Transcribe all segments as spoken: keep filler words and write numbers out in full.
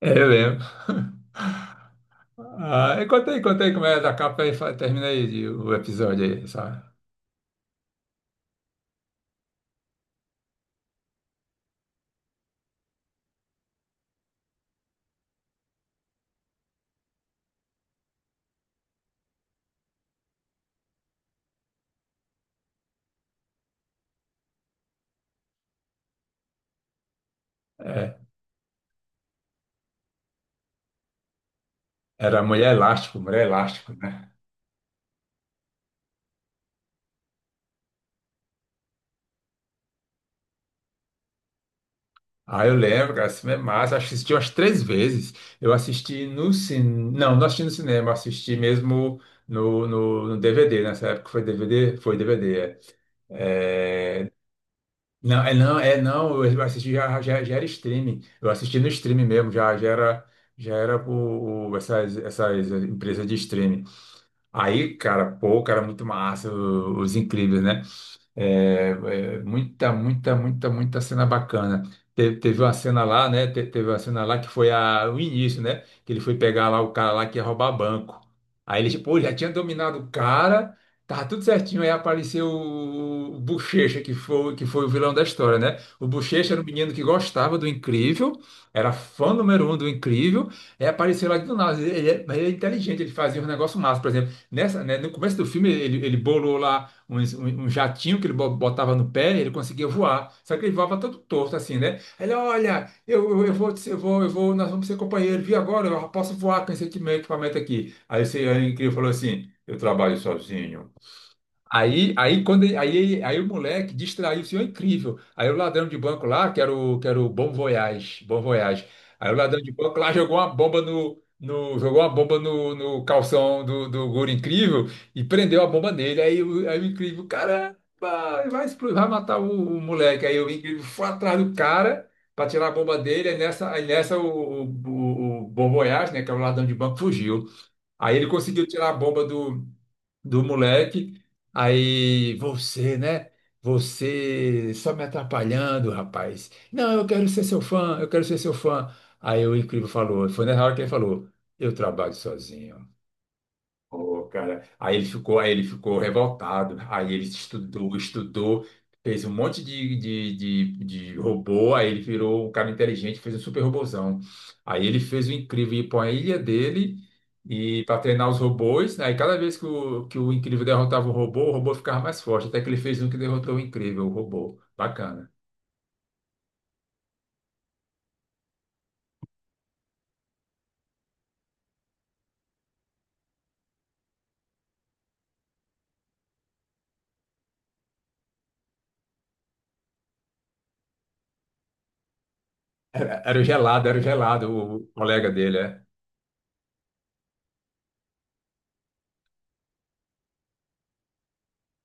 É, eu lembro. Ah, e conta aí, conta aí como é da capa e fa- termina aí de- o episódio aí, sabe? É, era Mulher Elástico, Mulher Elástico, né? Ah, eu lembro, cara, esse filme é massa. Acho que assisti umas três vezes. Eu assisti no cinema. Não, não assisti no cinema, assisti mesmo no, no, no D V D. Nessa época foi D V D? Foi D V D, é. É, não, é não, é não, eu assisti, já, já, já era streaming, eu assisti no streaming mesmo, já, já era, já era o, o- essas, essas empresas de streaming. Aí, cara, pô, cara, muito massa, o- os Incríveis, né? É, é, muita, muita, muita, muita cena bacana. Te- teve uma cena lá, né? te- teve uma cena lá que foi a, o início, né? Que ele foi pegar lá o cara lá que ia roubar banco. Aí ele, pô, já tinha dominado o cara, tava tudo certinho. Aí apareceu o, o Bochecha, que foi, que foi o vilão da história, né? O Bochecha era um menino que gostava do Incrível, era fã número um do Incrível. Aí apareceu lá do nada. Ele, ele é, mas ele é inteligente, ele fazia um negócio massa, por exemplo. Nessa, né, no começo do filme, ele, ele bolou lá um, um um jatinho que ele bo- botava no pé, ele conseguia voar. Só que ele voava todo torto, assim, né? Ele, olha, eu, eu, eu vou, te- eu vou, eu vou, nós vamos ser companheiros, vi agora, eu posso voar com esse equipamento aqui. Aí esse aí o Incrível falou assim: eu trabalho sozinho. Aí, aí, quando, ele- aí, ele- aí o moleque distraiu o senhor Incrível. Aí o ladrão de banco lá, que era o, que era o Bom Voyage, Bom Voyage. Aí o ladrão de banco lá jogou uma bomba no, no- jogou uma bomba no, no calção do, do Guri Incrível e prendeu a bomba nele. Aí, o- aí o Incrível, caramba, vai explodir, vai matar o, o moleque. Aí o Incrível foi atrás do cara para tirar a bomba dele. Aí nessa, aí nessa o, o, o, o Bom Voyage, né, que era o ladrão de banco, fugiu. Aí ele conseguiu tirar a bomba do do moleque. Aí você, né? Você só me atrapalhando, rapaz. Não, eu quero ser seu fã, eu quero ser seu fã. Aí o Incrível falou, foi na hora que ele falou, eu trabalho sozinho. Pô, cara, aí ele ficou, aí ele ficou revoltado. Aí ele estudou, estudou, fez um monte de, de, de, de robô. Aí ele virou um cara inteligente, fez um super robôzão. Aí ele fez o Incrível ir para a ilha dele e para treinar os robôs. Aí cada vez que o, que o Incrível derrotava um robô, o robô ficava mais forte. Até que ele fez um que derrotou o Incrível, o robô. Bacana. Era, era o gelado, era o gelado, o, o colega dele, é.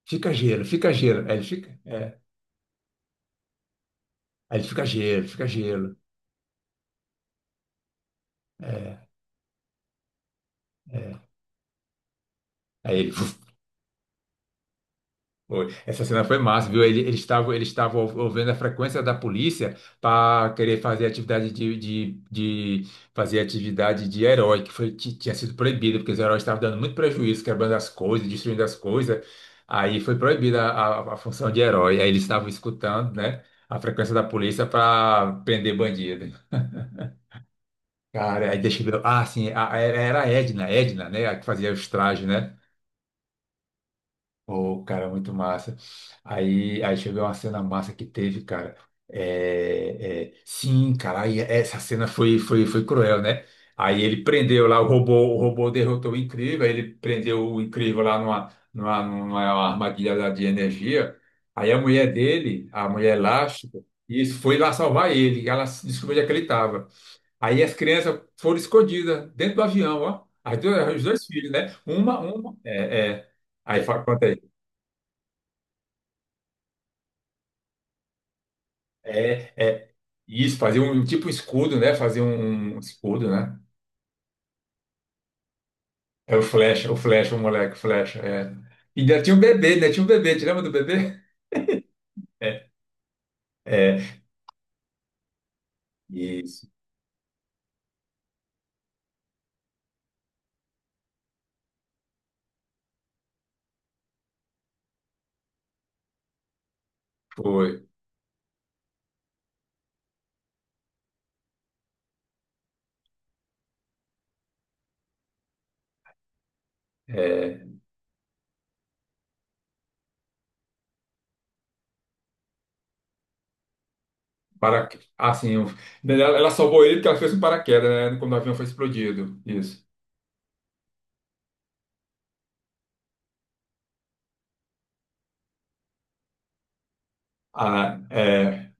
Fica gelo, fica gelo. Aí ele fica, é. Aí ele fica gelo, fica gelo. Aí ele. Foi. Essa cena foi massa, viu? Ele- Eles estavam eles estavam ouvindo a frequência da polícia para querer fazer atividade de, de, de- fazer atividade de herói, que foi, ti- tinha sido proibida, porque os heróis estavam dando muito prejuízo, quebrando as coisas, destruindo as coisas. Aí foi proibida a, a- a função de herói. Aí eles estavam escutando, né, a frequência da polícia para prender bandido. Cara, aí deixa eu ver. Ah, sim, a- a- era a Edna, Edna, né, a que fazia os trajes, né? Ô, cara, muito massa. Aí, aí chegou uma cena massa que teve, cara. É, é, sim, cara, aí essa cena foi, foi, foi cruel, né? Aí ele prendeu lá o robô, o robô derrotou o Incrível, aí ele prendeu o Incrível lá numa, numa, numa armadilha lá de energia. Aí a mulher dele, a mulher elástica, isso foi lá salvar ele, ela descobriu onde é que ele estava. Aí as crianças foram escondidas dentro do avião, ó. As duas- os dois filhos, né? Uma, uma, é, é. Aí fala, é, é isso, fazer um tipo um tipo escudo, né? Fazer um, um escudo, né? É o flecha, o flecha, o moleque, o flecha. É. E ainda tinha um bebê, né? Tinha um bebê, te lembra do bebê? É, é isso, foi. É, para, assim, um- ela ela salvou ele porque ela fez um paraquedas, né? Quando o avião foi explodido. Isso. Ah, é.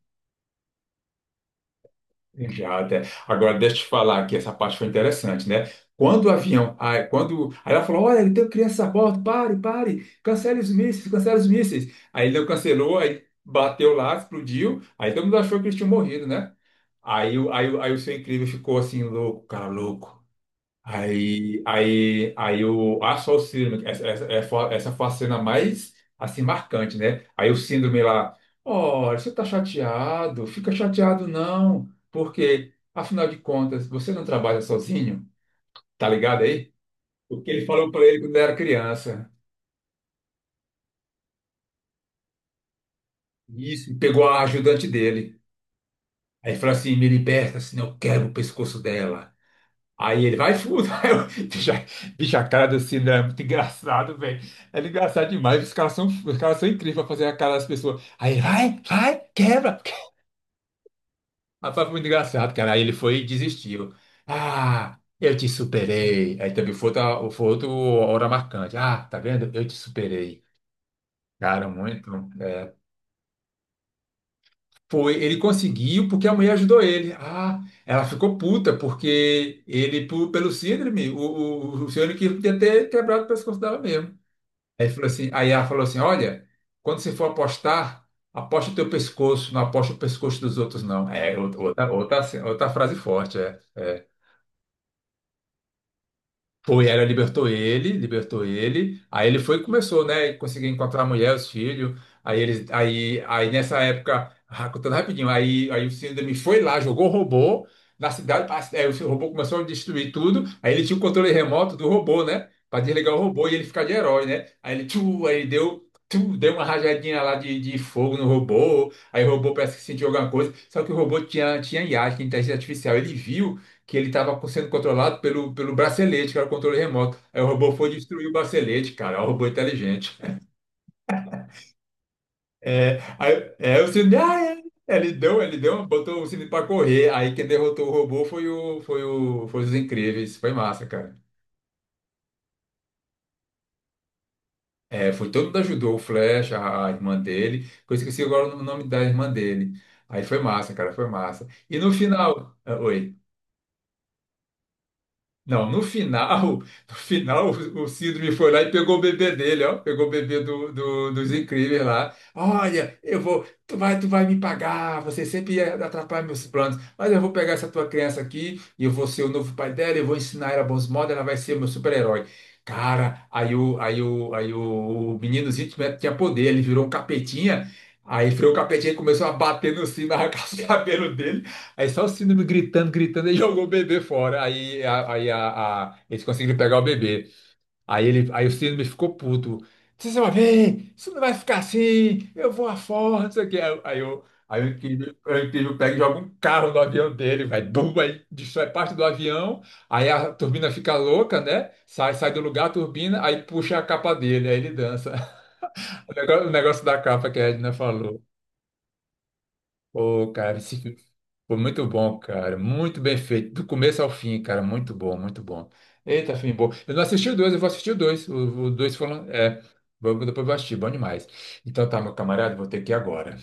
Já até. Agora, deixa eu te falar que essa parte foi interessante, né? Quando o avião. Aí, quando, aí ela falou: olha, ele tem criança a bordo, pare, pare, cancele os mísseis, cancele os mísseis. Aí ele não cancelou, aí bateu lá, explodiu. Aí todo mundo achou que eles tinham morrido, né? Aí, o- aí, o- aí o seu Incrível ficou assim, louco, cara, louco. Aí, aí, aí o, a só o Síndrome, essa, essa, é fo- essa foi a cena mais, assim, marcante, né? Aí o Síndrome lá, olha, você tá chateado, fica chateado não, porque, afinal de contas, você não trabalha sozinho, tá ligado aí? O que ele falou pra ele quando ele era criança. Isso, e pegou a ajudante dele. Aí falou assim, me liberta, senão eu quebro o pescoço dela. Aí ele vai fundo. Aí eu, bicho, bicho, a cara do Sidra é muito engraçado, velho. É engraçado demais. Os caras são, os caras são incríveis pra fazer a cara das pessoas. Aí ele vai, vai, quebra. Rapaz, foi muito engraçado, cara. Aí ele foi e desistiu. Ah, eu te superei. Aí também foi outra, foi outra hora marcante. Ah, tá vendo? Eu te superei. Cara, muito. Foi, ele conseguiu porque a mulher ajudou ele. Ah, ela ficou puta porque ele, por- pelo Síndrome, o, o, o senhor que podia ter quebrado o pescoço dela mesmo. Aí, ele falou assim, aí ela falou assim: olha, quando você for apostar, aposta o teu pescoço, não aposta o pescoço dos outros, não. É outra, outra, outra frase forte, é. É. Foi, ela libertou ele, libertou ele. Aí ele foi e começou, né? Conseguiu encontrar a mulher, os filhos. Aí eles, aí, aí nessa época, ah, contando rapidinho, aí, aí o Síndrome foi lá, jogou robô na cidade. a- Aí o robô começou a destruir tudo. Aí ele tinha o controle remoto do robô, né? Para desligar o robô e ele ficar de herói, né? Aí ele, tchu, aí ele deu, tchu, deu uma rajadinha lá de, de fogo no robô. Aí o robô parece que sentiu alguma coisa. Só que o robô tinha, tinha I A, tinha inteligência artificial. Ele viu que ele estava sendo controlado pelo, pelo bracelete, que era o controle remoto. Aí o robô foi destruir o bracelete, cara, é um robô inteligente. É, aí, é, o Cine, ah, é. Ele deu, ele deu, botou o Cine para correr. Aí quem derrotou o robô foi o, foi o, foi os Incríveis. Foi massa, cara. É, foi todo mundo ajudou, o Flash, a, a irmã dele. Que eu esqueci agora o nome da irmã dele. Aí foi massa, cara, foi massa. E no final, ah, oi. Não, no final, no final o, o Síndrome foi lá e pegou o bebê dele, ó, pegou o bebê do, do- dos Incríveis lá. Olha, eu vou, tu vai, tu vai me pagar, você sempre atrapalha meus planos, mas eu vou pegar essa tua criança aqui e eu vou ser o novo pai dela, eu vou ensinar ela bons modos, ela vai ser meu super-herói. Cara, aí o, aí o, aí o, o meninozinho tinha tinha poder, ele virou um capetinha, aí foi o capetinha e começou a bater no sino, arrancar os cabelos. Aí só o Síndrome gritando, gritando, ele jogou o bebê fora. Aí, a- aí a, a- eles conseguiram pegar o bebê. Aí, ele, aí o Síndrome ficou puto. Vocês vão ver, isso não vai ficar assim, eu vou afora, não sei o quê. Aí, aí, eu, aí o Incrível, o incrível pega e joga um carro no avião dele, vai, bum, aí destrói parte do avião. Aí a turbina fica louca, né? Sai, sai do lugar a turbina, aí puxa a capa dele, aí ele dança. O negócio, o negócio da capa que a Edna falou. Pô, cara, esse filme foi muito bom, cara. Muito bem feito. Do começo ao fim, cara. Muito bom, muito bom. Eita, filme bom. Eu não assisti o dois, eu vou assistir o dois. O, o dois falando. É, vou- depois eu vou assistir, bom demais. Então tá, meu camarada, vou ter que ir agora.